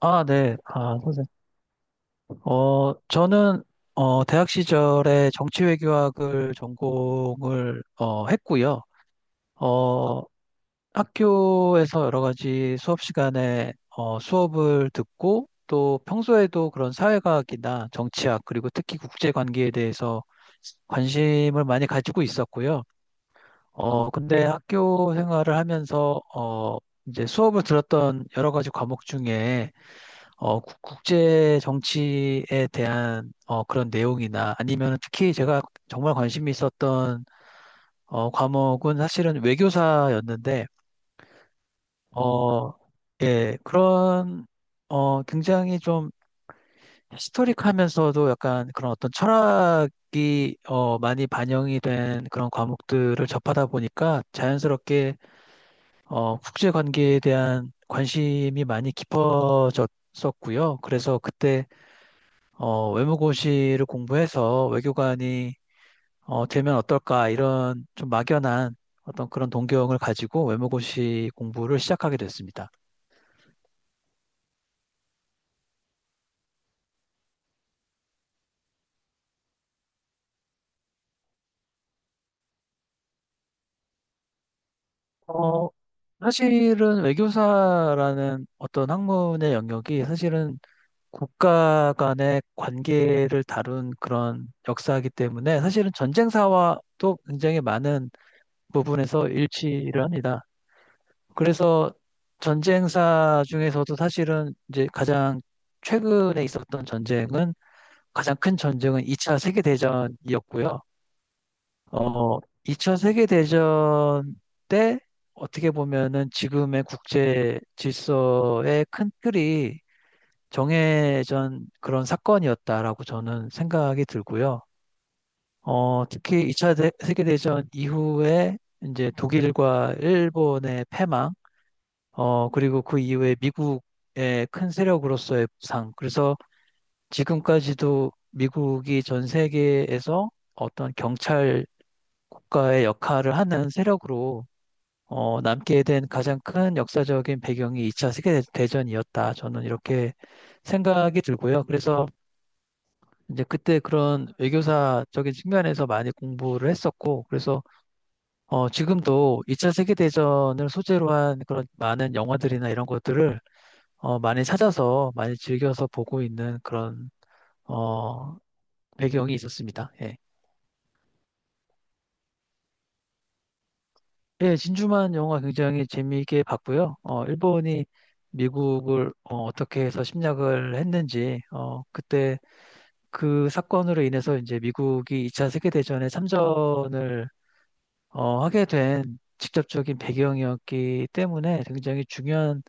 아, 네. 아, 선생님. 저는, 대학 시절에 정치외교학을 전공을, 했고요. 어, 학교에서 여러 가지 수업 시간에, 수업을 듣고 또 평소에도 그런 사회과학이나 정치학, 그리고 특히 국제관계에 대해서 관심을 많이 가지고 있었고요. 근데 학교 생활을 하면서, 이제 수업을 들었던 여러 가지 과목 중에 국제 정치에 대한 그런 내용이나 아니면 특히 제가 정말 관심이 있었던 과목은 사실은 외교사였는데 어, 예, 그런 굉장히 좀 히스토릭하면서도 약간 그런 어떤 철학이 많이 반영이 된 그런 과목들을 접하다 보니까 자연스럽게 국제 관계에 대한 관심이 많이 깊어졌었고요. 그래서 그때 외무고시를 공부해서 외교관이 되면 어떨까 이런 좀 막연한 어떤 그런 동경을 가지고 외무고시 공부를 시작하게 됐습니다. 어, 사실은 외교사라는 어떤 학문의 영역이 사실은 국가 간의 관계를 다룬 그런 역사이기 때문에 사실은 전쟁사와도 굉장히 많은 부분에서 일치를 합니다. 그래서 전쟁사 중에서도 사실은 이제 가장 최근에 있었던 전쟁은 가장 큰 전쟁은 2차 세계대전이었고요. 어, 2차 세계대전 때 어떻게 보면은 지금의 국제 질서의 큰 틀이 정해진 그런 사건이었다라고 저는 생각이 들고요. 특히 2차 세계대전 이후에 이제 독일과 일본의 패망, 그리고 그 이후에 미국의 큰 세력으로서의 부상. 그래서 지금까지도 미국이 전 세계에서 어떤 경찰 국가의 역할을 하는 세력으로 남게 된 가장 큰 역사적인 배경이 2차 세계대전이었다. 저는 이렇게 생각이 들고요. 그래서 이제 그때 그런 외교사적인 측면에서 많이 공부를 했었고, 그래서 지금도 2차 세계대전을 소재로 한 그런 많은 영화들이나 이런 것들을 많이 찾아서 많이 즐겨서 보고 있는 그런 어, 배경이 있었습니다. 예. 예, 진주만 영화 굉장히 재미있게 봤고요. 일본이 미국을 떻게 해서 침략을 했는지 그때 그 사건으로 인해서 이제 미국이 2차 세계대전에 참전을 하게 된 직접적인 배경이었기 때문에 굉장히 중요한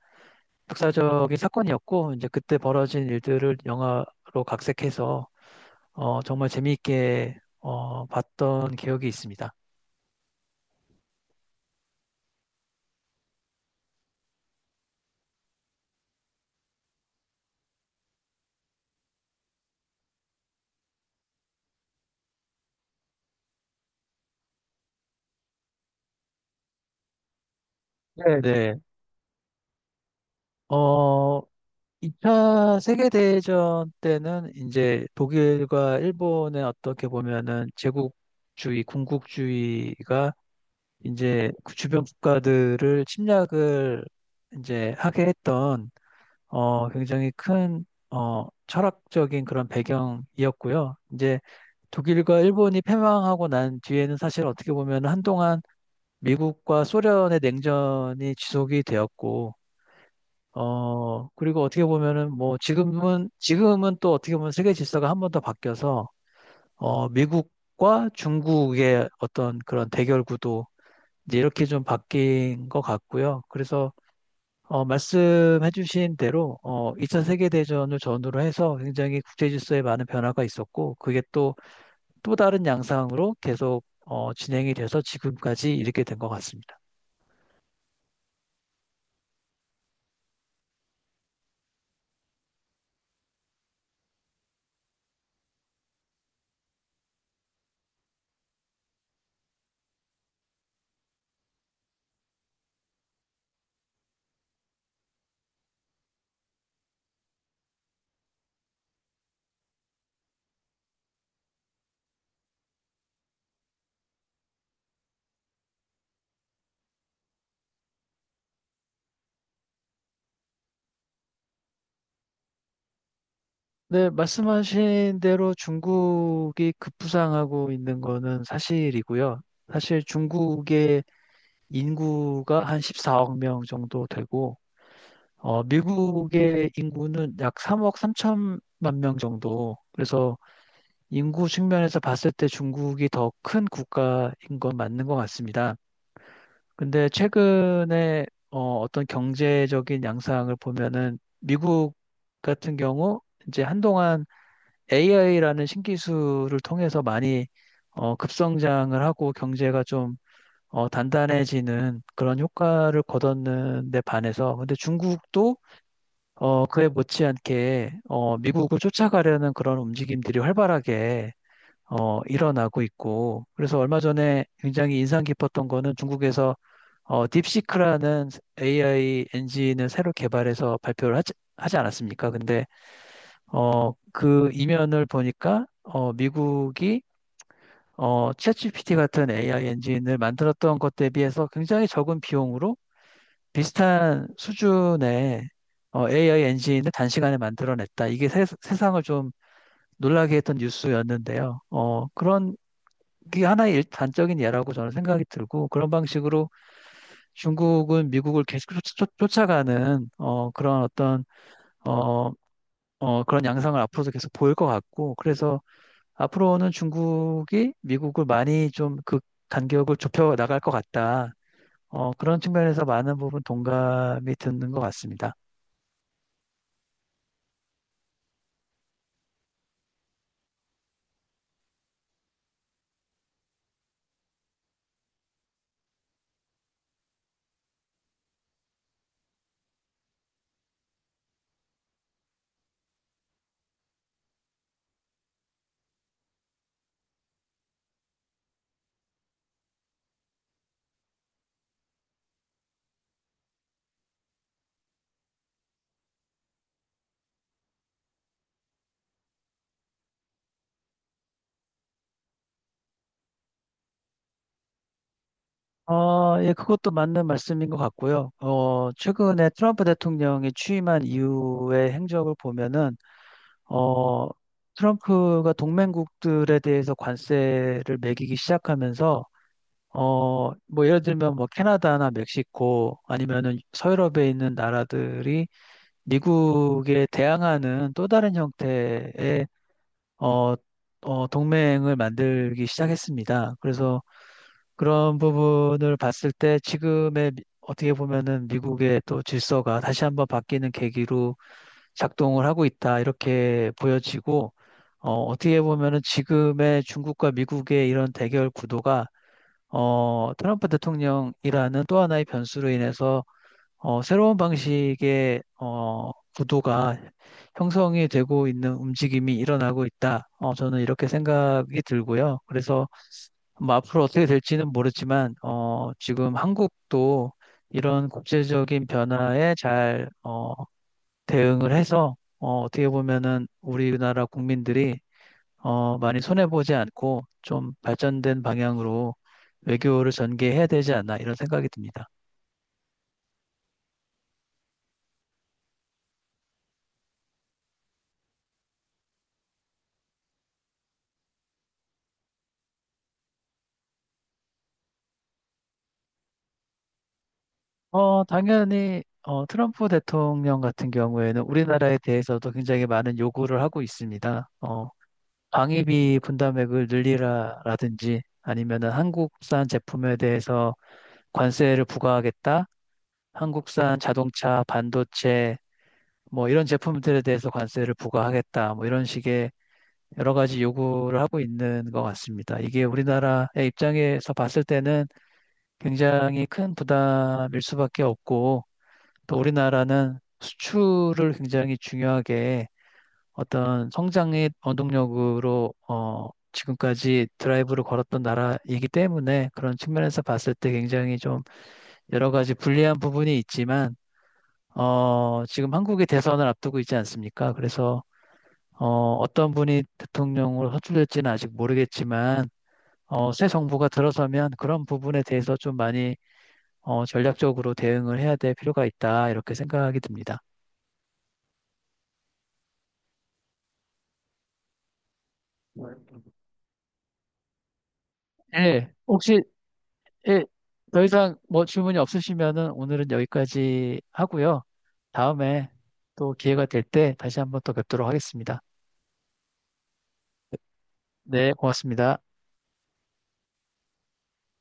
역사적인 사건이었고 이제 그때 벌어진 일들을 영화로 각색해서 정말 재미있게 봤던 기억이 있습니다. 네, 네. 어, 2차 세계대전 때는 이제 독일과 일본의 어떻게 보면은 제국주의, 군국주의가 이제 그 주변 국가들을 침략을 이제 하게 했던 굉장히 큰 철학적인 그런 배경이었고요. 이제 독일과 일본이 패망하고 난 뒤에는 사실 어떻게 보면 한동안 미국과 소련의 냉전이 지속이 되었고, 그리고 어떻게 보면은 뭐 지금은 또 어떻게 보면 세계 질서가 한번 더 바뀌어서, 미국과 중국의 어떤 그런 대결 구도, 이제 이렇게 좀 바뀐 것 같고요. 그래서, 말씀해주신 대로, 2차 세계대전을 전후로 해서 굉장히 국제 질서에 많은 변화가 있었고, 그게 또, 또 다른 양상으로 계속, 진행이 돼서 지금까지 이렇게 된 것 같습니다. 네, 말씀하신 대로 중국이 급부상하고 있는 거는 사실이고요. 사실 중국의 인구가 한 14억 명 정도 되고, 미국의 인구는 약 3억 3천만 명 정도. 그래서 인구 측면에서 봤을 때 중국이 더 큰 국가인 건 맞는 것 같습니다. 근데 최근에 어떤 경제적인 양상을 보면은 미국 같은 경우 이제 한동안 AI라는 신기술을 통해서 많이 급성장을 하고 경제가 좀 단단해지는 그런 효과를 거뒀는 데 반해서 근데 중국도 그에 못지않게 미국을 쫓아가려는 그런 움직임들이 활발하게 일어나고 있고 그래서 얼마 전에 굉장히 인상 깊었던 거는 중국에서 딥시크라는 AI 엔진을 새로 개발해서 발표를 하지 않았습니까? 근데 그 이면을 보니까 미국이 챗GPT 같은 AI 엔진을 만들었던 것 대비해서 굉장히 적은 비용으로 비슷한 수준의 AI 엔진을 단시간에 만들어냈다. 이게 상을좀 놀라게 했던 뉴스였는데요. 그런 게 하나의 단적인 예라고 저는 생각이 들고 그런 방식으로 중국은 미국을 계속 아가는 그런 어떤 어, 그런 양상을 앞으로도 계속 보일 것 같고 그래서 앞으로는 중국이 미국을 많이 좀 그 간격을 좁혀 나갈 것 같다. 그런 측면에서 많은 부분 동감이 드는 것 같습니다. 예, 그것도 맞는 말씀인 것 같고요. 최근에 트럼프 대통령이 취임한 이후의 행적을 보면은, 어, 트럼프가 동맹국들에 대해서 관세를 매기기 시작하면서, 뭐 예를 들면 뭐 캐나다나 멕시코 아니면은 서유럽에 있는 나라들이 미국에 대항하는 또 다른 형태의 어, 동맹을 만들기 시작했습니다. 그래서 그런 부분을 봤을 때 지금의 어떻게 보면은 미국의 또 질서가 다시 한번 바뀌는 계기로 작동을 하고 있다 이렇게 보여지고 어떻게 보면은 지금의 중국과 미국의 이런 대결 구도가 트럼프 대통령이라는 또 하나의 변수로 인해서 새로운 방식의 구도가 형성이 되고 있는 움직임이 일어나고 있다. 저는 이렇게 생각이 들고요. 그래서 뭐 앞으로 어떻게 될지는 모르지만 지금 한국도 이런 국제적인 변화에 잘 대응을 해서 떻게 보면은 우리나라 국민들이 많이 손해보지 않고 좀 발전된 방향으로 외교를 전개해야 되지 않나 이런 생각이 듭니다. 당연히 트럼프 대통령 같은 경우에는 우리나라에 대해서도 굉장히 많은 요구를 하고 있습니다. 방위비 분담액을 늘리라라든지 아니면은 한국산 제품에 대해서 관세를 부과하겠다. 한국산 자동차, 반도체 뭐 이런 제품들에 대해서 관세를 부과하겠다. 뭐 이런 식의 여러 가지 요구를 하고 있는 것 같습니다. 이게 우리나라의 입장에서 봤을 때는 굉장히 큰 부담일 수밖에 없고 또 우리나라는 수출을 굉장히 중요하게 어떤 성장의 원동력으로 지금까지 드라이브를 걸었던 나라이기 때문에 그런 측면에서 봤을 때 굉장히 좀 여러 가지 불리한 부분이 있지만 지금 한국이 대선을 앞두고 있지 않습니까? 그래서 어, 어떤 분이 대통령으로 선출될지는 아직 모르겠지만 새 정부가 들어서면 그런 부분에 대해서 좀 많이 전략적으로 대응을 해야 될 필요가 있다 이렇게 생각이 듭니다. 네, 혹시 예, 더 이상 뭐 질문이 없으시면은 오늘은 여기까지 하고요. 다음에 또 기회가 될 때 다시 한번 또 뵙도록 하겠습니다. 네, 고맙습니다.